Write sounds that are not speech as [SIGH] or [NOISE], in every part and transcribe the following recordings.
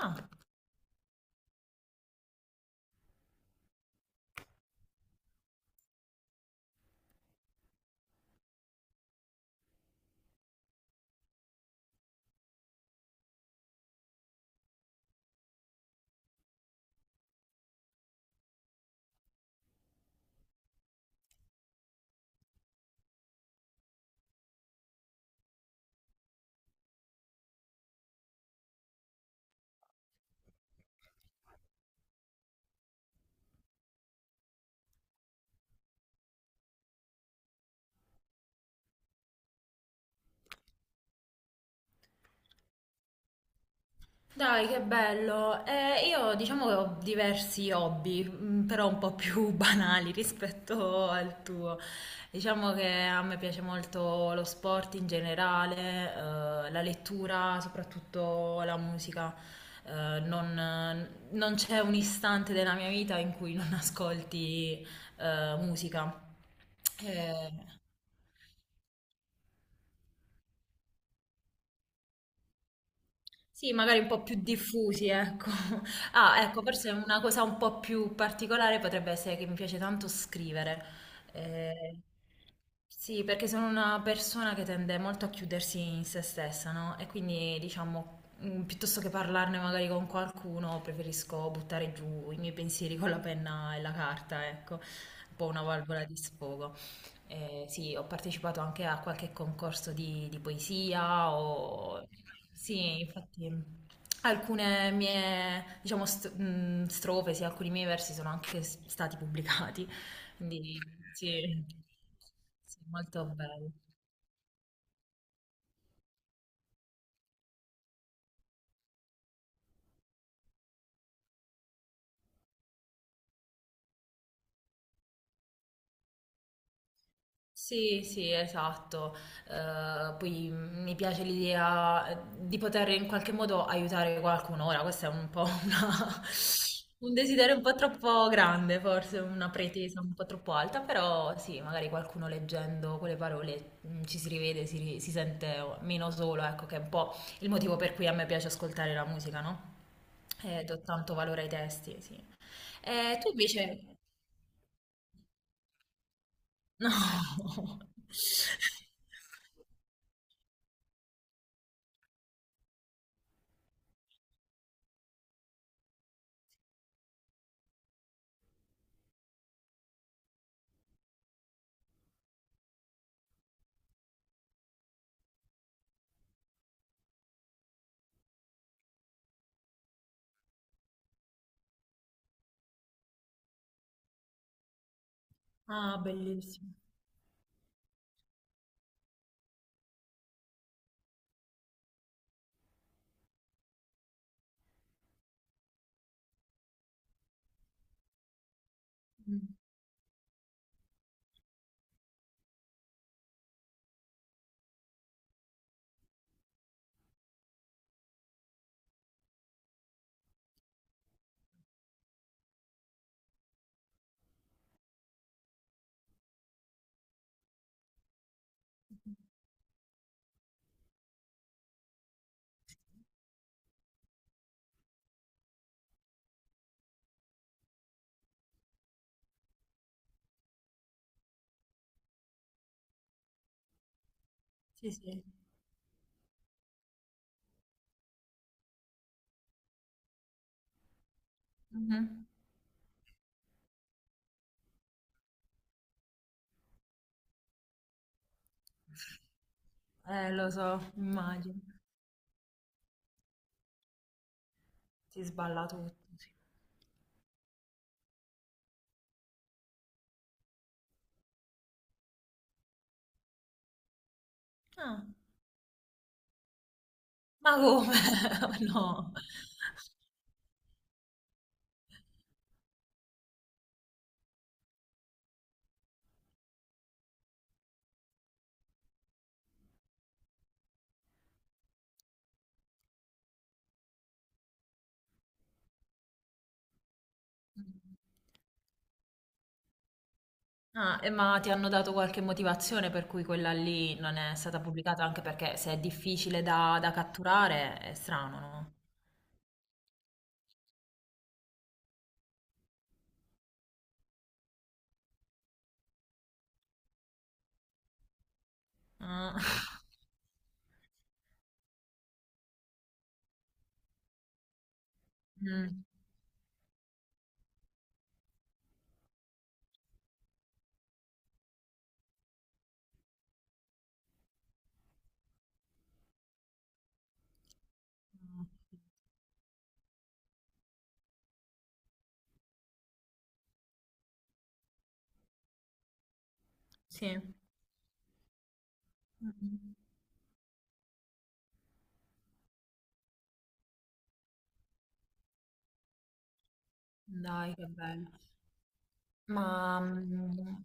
Ah, dai, che bello. Io diciamo che ho diversi hobby, però un po' più [LAUGHS] banali rispetto al tuo. Diciamo che a me piace molto lo sport in generale, la lettura, soprattutto la musica. Non c'è un istante della mia vita in cui non ascolti, musica. Eh, Sì, magari un po' più diffusi, ecco. [LAUGHS] Ah, ecco, forse una cosa un po' più particolare potrebbe essere che mi piace tanto scrivere. Eh, sì, perché sono una persona che tende molto a chiudersi in se stessa, no? E quindi, diciamo, piuttosto che parlarne magari con qualcuno, preferisco buttare giù i miei pensieri con la penna e la carta, ecco, un po' una valvola di sfogo. Sì, ho partecipato anche a qualche concorso di poesia o... Sì, infatti alcune mie, diciamo, strofe, sì, alcuni miei versi sono anche stati pubblicati, quindi sì, sì, molto bello. Sì, sì, esatto. Poi mi piace l'idea di poter in qualche modo aiutare qualcuno. Ora, questo è un po' [LAUGHS] un desiderio un po' troppo grande, forse una pretesa un po' troppo alta, però sì, magari qualcuno leggendo quelle parole ci si rivede, si sente meno solo, ecco, che è un po' il motivo per cui a me piace ascoltare la musica, no? Do tanto valore ai testi, sì. Tu invece... [LAUGHS] No. Ah, bellissimo. Mm, sì, sì. Mhm. Lo so, immagino. Si sballa tutto, sì. Ah, ma come? [LAUGHS] No. Ah, e ma ti hanno dato qualche motivazione per cui quella lì non è stata pubblicata? Anche perché se è difficile da catturare è strano, no? Ah. [LAUGHS] Mm. Sì. Mm. Dai, che bello. Ma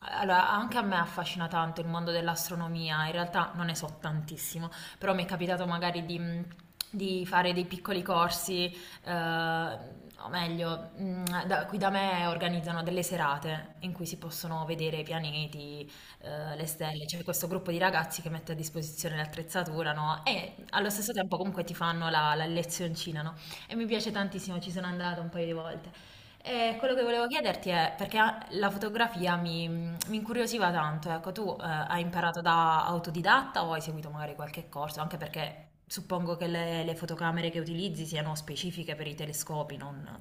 allora, anche a me affascina tanto il mondo dell'astronomia, in realtà non ne so tantissimo, però mi è capitato magari di fare dei piccoli corsi, eh, o meglio, qui da me organizzano delle serate in cui si possono vedere i pianeti, le stelle, c'è questo gruppo di ragazzi che mette a disposizione l'attrezzatura, no? E allo stesso tempo comunque ti fanno la lezioncina, no? E mi piace tantissimo, ci sono andata un paio di volte. E quello che volevo chiederti è, perché la fotografia mi incuriosiva tanto, ecco, tu hai imparato da autodidatta o hai seguito magari qualche corso? Anche perché suppongo che le fotocamere che utilizzi siano specifiche per i telescopi, non...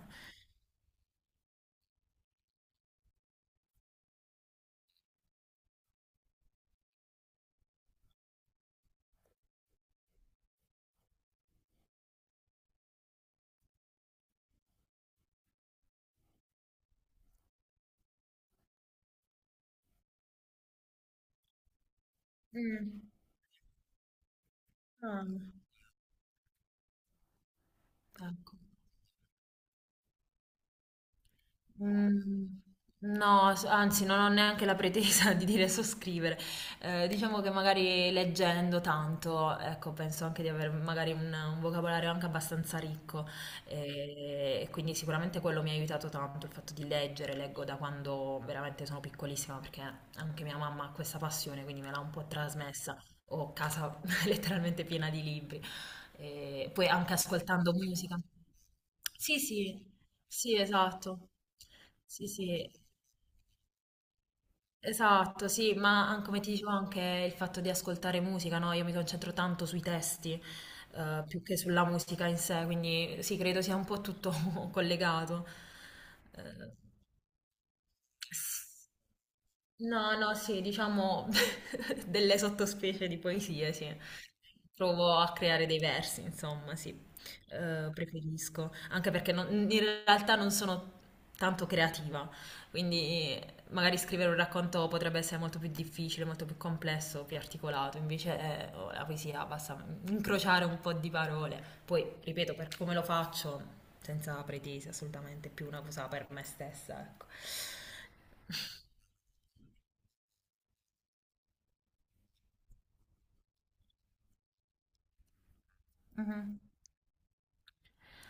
Mm. Ah. Ecco. Mm, no, anzi, non ho neanche la pretesa [LAUGHS] di dire so scrivere. Diciamo che magari leggendo tanto, ecco, penso anche di avere magari un vocabolario anche abbastanza ricco. E quindi sicuramente quello mi ha aiutato tanto, il fatto di leggere, leggo da quando veramente sono piccolissima, perché anche mia mamma ha questa passione, quindi me l'ha un po' trasmessa. Ho casa [LAUGHS] letteralmente piena di libri. E poi anche ascoltando musica. Sì, sì. Sì, esatto. Sì, sì, esatto, sì, ma come ti dicevo anche il fatto di ascoltare musica, no? Io mi concentro tanto sui testi, più che sulla musica in sé, quindi sì, credo sia un po' tutto [LAUGHS] collegato. Eh, no, no, sì, diciamo [LAUGHS] delle sottospecie di poesie, sì. Provo a creare dei versi, insomma, sì. Preferisco, anche perché in realtà non sono tanto creativa, quindi magari scrivere un racconto potrebbe essere molto più difficile, molto più complesso, più articolato, invece oh, la poesia basta incrociare un po' di parole. Poi, ripeto, per come lo faccio, senza pretese assolutamente, è più una cosa per me stessa, ecco. Mhm.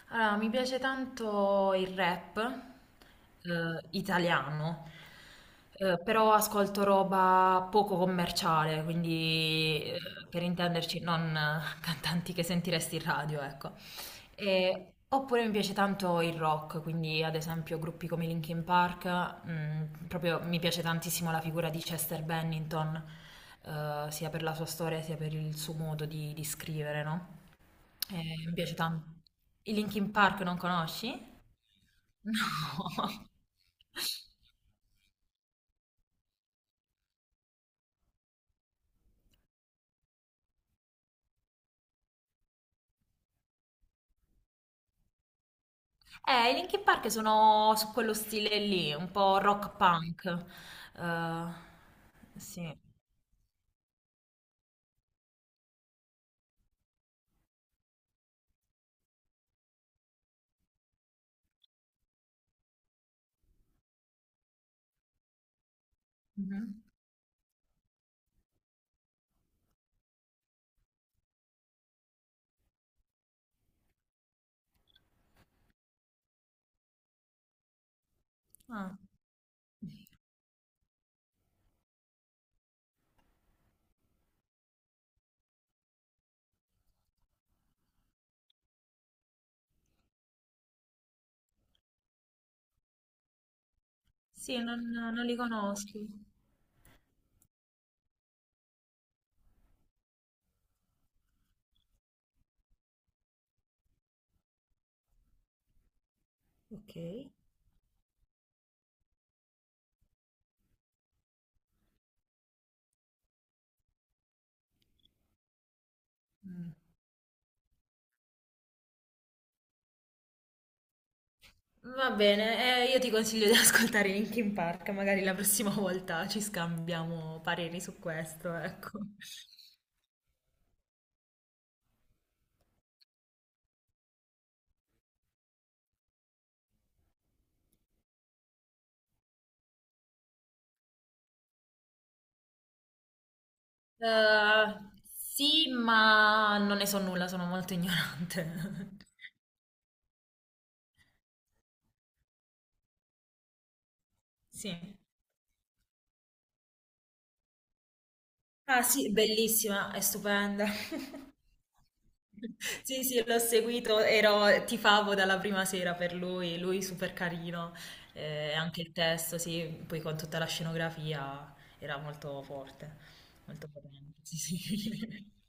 Allora, mi piace tanto il rap italiano, però ascolto roba poco commerciale, quindi per intenderci non cantanti che sentiresti in radio, ecco. Oppure mi piace tanto il rock, quindi ad esempio gruppi come Linkin Park, proprio mi piace tantissimo la figura di Chester Bennington, sia per la sua storia sia per il suo modo di scrivere, no? E mi piace tanto. I Linkin Park non conosci? [LAUGHS] No. I Linkin Park sono su quello stile lì, un po' rock punk. Eh, sì. Mhm. Ah. Sì, non li conosco. Ok. Mm. Va bene, io ti consiglio di [LAUGHS] ascoltare Linkin Park, magari la prossima volta ci scambiamo pareri su questo, ecco. Eh, sì, ma non ne so nulla, sono molto ignorante. [LAUGHS] Sì. Ah sì, bellissima, è stupenda. [LAUGHS] Sì, sì, l'ho seguito, ero, tifavo dalla prima sera per lui, lui super carino, anche il testo, sì, poi con tutta la scenografia era molto forte, molto potente. Sì, sì. [LAUGHS]